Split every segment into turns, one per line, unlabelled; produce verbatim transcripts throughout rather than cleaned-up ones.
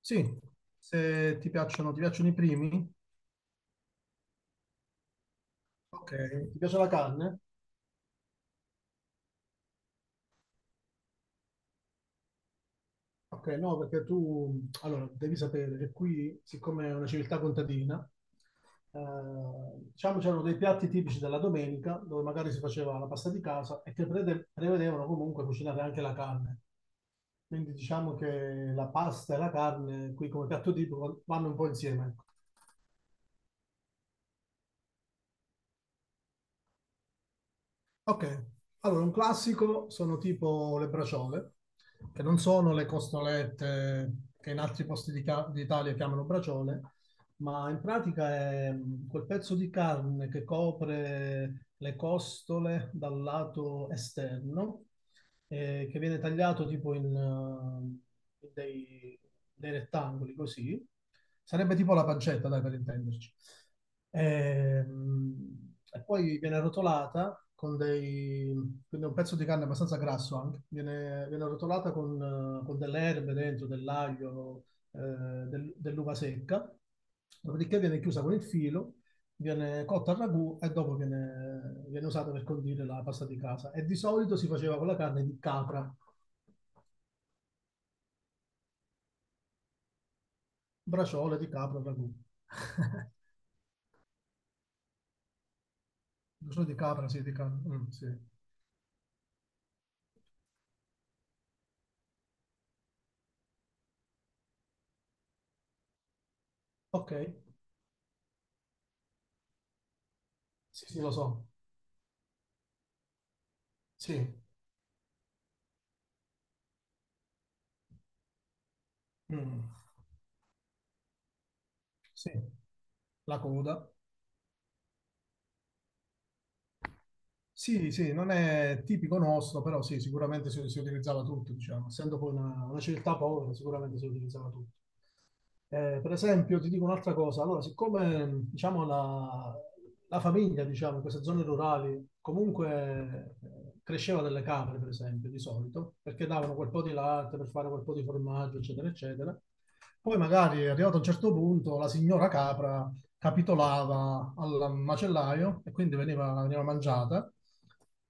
Sì, se ti piacciono, ti piacciono i primi? Ok, ti piace la carne? Ok, no, perché tu, allora, devi sapere che qui, siccome è una civiltà contadina, eh, diciamo c'erano dei piatti tipici della domenica, dove magari si faceva la pasta di casa e che prede- prevedevano comunque cucinare anche la carne. Quindi diciamo che la pasta e la carne qui come piatto tipico vanno un po' insieme, ecco. Ok, allora un classico sono tipo le braciole, che non sono le costolette che in altri posti di ca- d'Italia chiamano braciole, ma in pratica è mm, quel pezzo di carne che copre le costole dal lato esterno, eh, che viene tagliato tipo in, eh, in dei, dei rettangoli così. Sarebbe tipo la pancetta, dai, per intenderci. Ehm, E, poi viene rotolata con dei... Quindi è un pezzo di carne abbastanza grasso anche. Viene, viene rotolata con, eh, con delle erbe dentro, dell'aglio, eh, del- dell'uva secca. Dopodiché viene chiusa con il filo, viene cotta al ragù e dopo viene, viene usata per condire la pasta di casa. E di solito si faceva con la carne di capra, Braciole di capra al ragù. Braciole di capra, sì, di capra. Mm, sì. Ok, sì, sì, lo so. Sì, Mm. Sì, la coda. Sì, sì, non è tipico nostro, però sì, sicuramente si, si utilizzava tutto, diciamo. Essendo poi una, una civiltà povera, sicuramente si utilizzava tutto. Eh, per esempio, ti dico un'altra cosa, allora, siccome diciamo, la, la famiglia diciamo, in queste zone rurali comunque eh, cresceva delle capre, per esempio, di solito, perché davano quel po' di latte per fare quel po' di formaggio, eccetera, eccetera, poi magari arrivato a un certo punto la signora capra capitolava al macellaio e quindi veniva, veniva mangiata.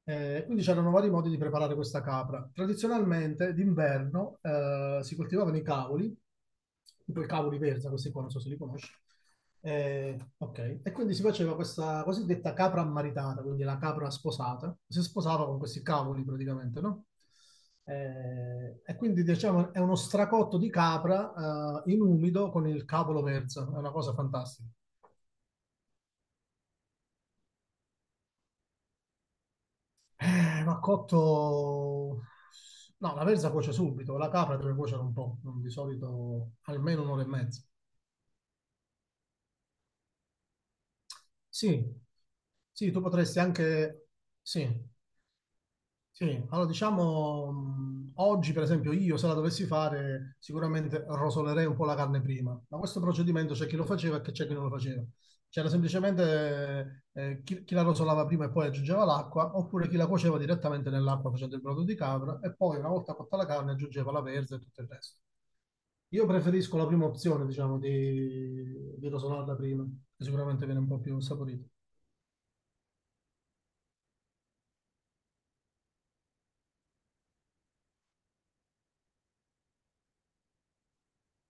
Eh, quindi c'erano vari modi di preparare questa capra. Tradizionalmente d'inverno eh, si coltivavano i cavoli, tipo i cavoli verza, questi qua non so se li conosci. Eh, ok, e quindi si faceva questa cosiddetta capra ammaritata, quindi la capra sposata, si sposava con questi cavoli praticamente, no? Eh, e quindi diciamo è uno stracotto di capra eh, in umido con il cavolo verza, è una cosa fantastica. Eh, ma cotto... No, la verza cuoce subito, la capra deve cuocere un po', di solito almeno un'ora e mezza. Sì, sì, tu potresti anche... Sì, Sì, allora diciamo mh, oggi per esempio io se la dovessi fare sicuramente rosolerei un po' la carne prima, ma questo procedimento c'è chi lo faceva e che c'è chi non lo faceva. C'era semplicemente eh, chi, chi la rosolava prima e poi aggiungeva l'acqua, oppure chi la cuoceva direttamente nell'acqua facendo il brodo di capra e poi una volta cotta la carne aggiungeva la verza e tutto il resto. Io preferisco la prima opzione, diciamo, di, di rosolarla prima, che sicuramente viene un po' più saporita.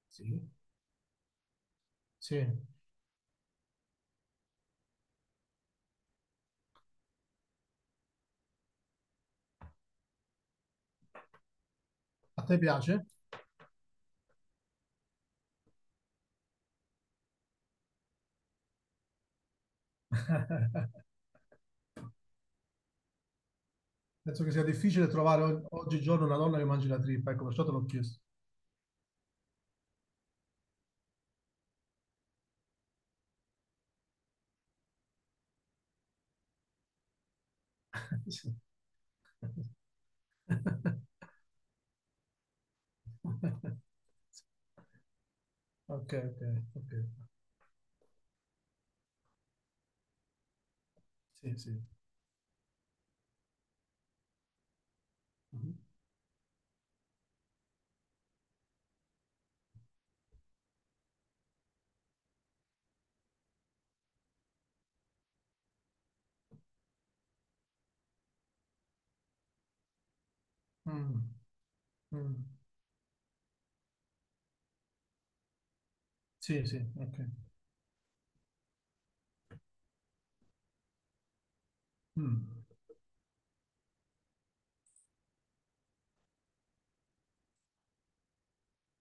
Sì. Sì, a te piace? Penso che sia difficile trovare og- oggigiorno una donna che mangi la trippa, ecco, perciò te l'ho chiesto. Sì. Ok, ok, ok. Sì, sì. Mhm. Mm, mm. Sì, sì, ok. Mm,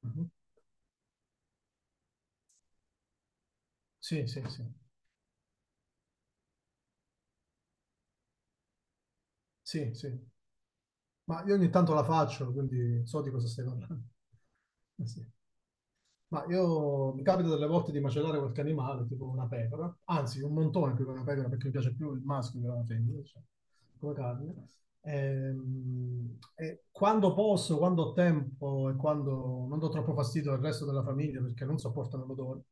mhm. Sì, sì, sì. Sì, sì. Ma io ogni tanto la faccio, quindi so di cosa stai parlando. Sì. Ma io mi capita delle volte di macellare qualche animale, tipo una pecora, anzi un montone più che una pecora perché mi piace più il maschio che la femmina, diciamo, come carne. Ehm, E, quando posso, quando ho tempo e quando non do troppo fastidio al resto della famiglia perché non sopportano l'odore,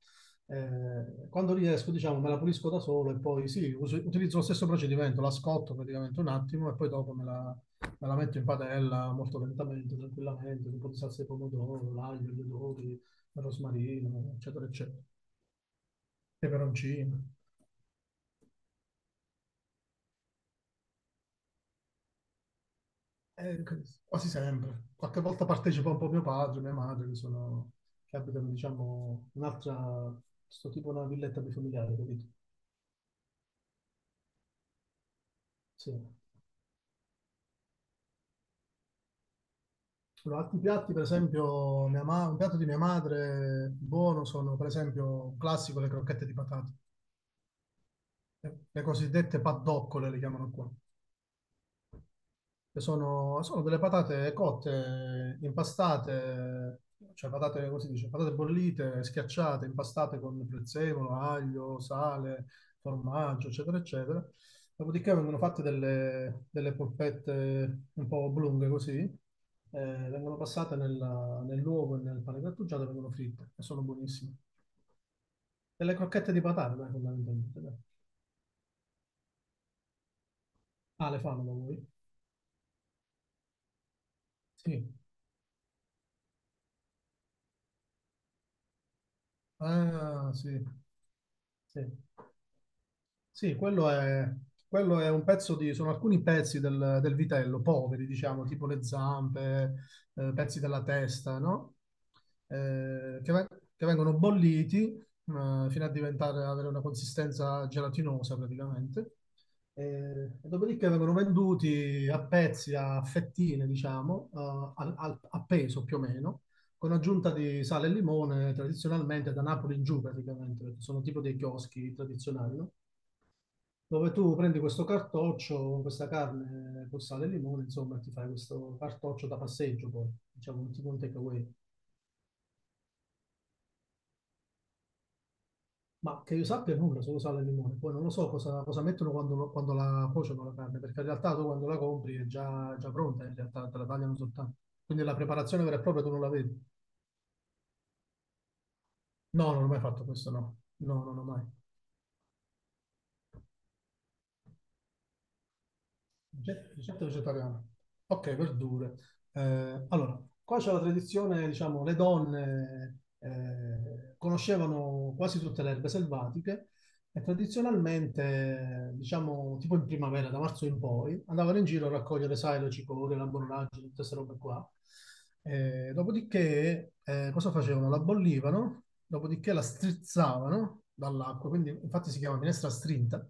eh, quando riesco, diciamo, me la pulisco da solo e poi sì, uso- utilizzo lo stesso procedimento, la scotto praticamente un attimo e poi dopo me la, me la metto in padella molto lentamente, tranquillamente, con un po' di salsa di pomodoro, l'aglio, gli odori, rosmarino, eccetera, eccetera, peperoncino. Eh, Quasi sempre. Qualche volta partecipa un po' mio padre, mia madre, che sono, che abitano, diciamo, un'altra, sto tipo una villetta bifamiliare, capito? Sì. Allora, altri piatti, per esempio, mia ma- un piatto di mia madre buono sono, per esempio, un classico, le crocchette di patate, le, le cosiddette paddoccole le chiamano qua. Che sono, sono delle patate cotte, impastate, cioè patate, come si dice, patate bollite, schiacciate, impastate con prezzemolo, aglio, sale, formaggio, eccetera, eccetera. Dopodiché vengono fatte delle, delle polpette un po' oblunghe così, eh, vengono passate nella- nell'uovo e nel pane grattugiato e vengono fritte e sono buonissime. E le crocchette di patate, dai, fondamentalmente. Dai. Ah, le fanno da voi? Sì. Ah, sì. Sì. Sì, quello è, quello è, un pezzo di, sono alcuni pezzi del, del vitello, poveri, diciamo, tipo le zampe, eh, pezzi della testa, no? Eh, che, ve- che vengono bolliti, eh, fino a diventare, avere una consistenza gelatinosa praticamente. Eh, e dopodiché vengono venduti a pezzi, a fettine, diciamo, eh, al- al- a peso più o meno, con aggiunta di sale e limone, tradizionalmente da Napoli in giù praticamente, perché sono tipo dei chioschi tradizionali, no? dove tu prendi questo cartoccio, questa carne con sale e limone, insomma, ti fai questo cartoccio da passeggio, poi, diciamo, un tipo un takeaway. Ma che io sappia nulla, solo sale e limone. Poi non lo so cosa, cosa mettono quando, lo- quando la cuociono la carne, perché in realtà tu quando la compri è già, già pronta, in realtà te la tagliano soltanto. Quindi la preparazione vera e propria tu non la vedi. No, non ho mai fatto questo, no. No, non ho mai. Ricet- Ricetta vegetariana. Ok, verdure. Eh, allora, qua c'è la tradizione, diciamo, le donne eh, conoscevano quasi tutte le erbe selvatiche e tradizionalmente, diciamo, tipo in primavera, da marzo in poi, andavano in giro a raccogliere, sai, le cicorie, la borragine, tutte queste robe qua. E dopodiché, eh, cosa facevano? La bollivano, dopodiché la strizzavano dall'acqua, quindi infatti si chiama minestra strinta.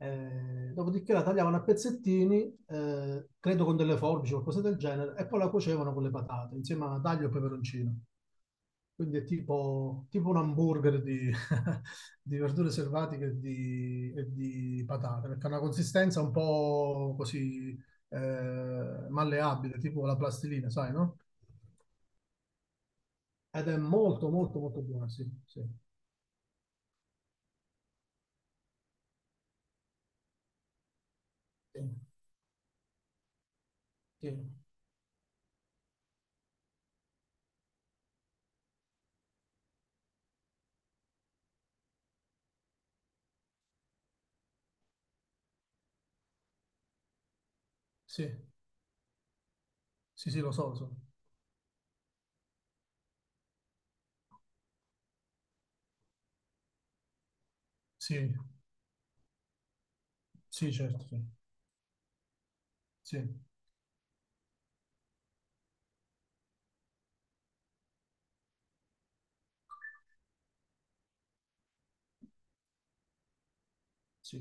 Eh, dopodiché la tagliavano a pezzettini, eh, credo con delle forbici o cose del genere, e poi la cuocevano con le patate, insieme a aglio e peperoncino. Quindi è tipo, tipo, un hamburger di, di verdure selvatiche e di, e di patate, perché ha una consistenza un po' così eh, malleabile, tipo la plastilina, sai, no? Ed è molto, molto, molto buona, sì, sì, sì, sì, sì, sì, sì, lo so, lo so. Sì, sì, certo, sì, sì, sì,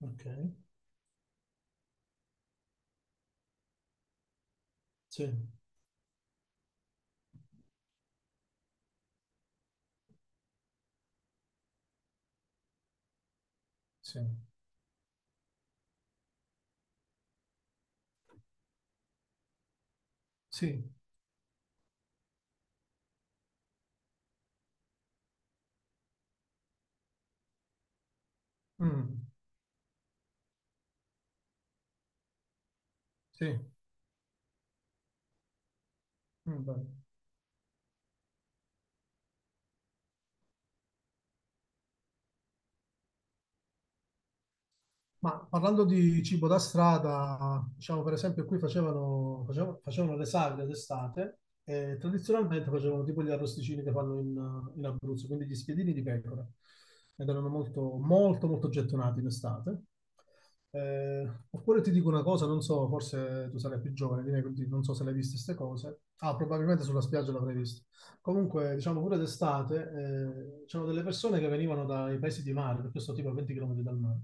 ok, sì, sì, sì, mm, sì, mm, bello. Ma parlando di cibo da strada, diciamo per esempio qui facevano, facevano, facevano le sagre d'estate e tradizionalmente facevano tipo gli arrosticini che fanno in, in Abruzzo, quindi gli spiedini di pecora, ed erano molto, molto, molto gettonati in estate. Eh, oppure ti dico una cosa, non so, forse tu sarai più giovane di me, quindi non so se l'hai viste queste cose. Ah, probabilmente sulla spiaggia l'avrai vista. Comunque, diciamo pure d'estate, eh, c'erano delle persone che venivano dai paesi di mare, perché io sto tipo a venti chilometri dal mare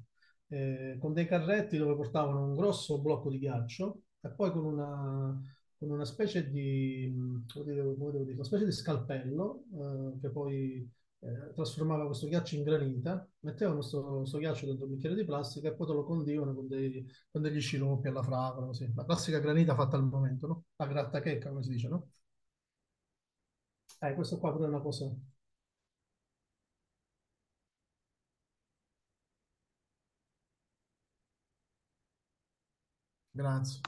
eh, con dei carretti dove portavano un grosso blocco di ghiaccio e poi con una, con una, specie di, mh, come devo- come devo dire, una specie di scalpello eh, che poi eh, trasformava questo ghiaccio in granita, mettevano questo, questo ghiaccio dentro un bicchiere di plastica e poi te lo condivano con, dei- con degli sciroppi alla fragola, così. La classica granita fatta al momento, no? La grattachecca, come si dice, no? Eh, questo qua pure è una cosa... Grazie.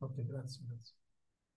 Ok, grazie, grazie.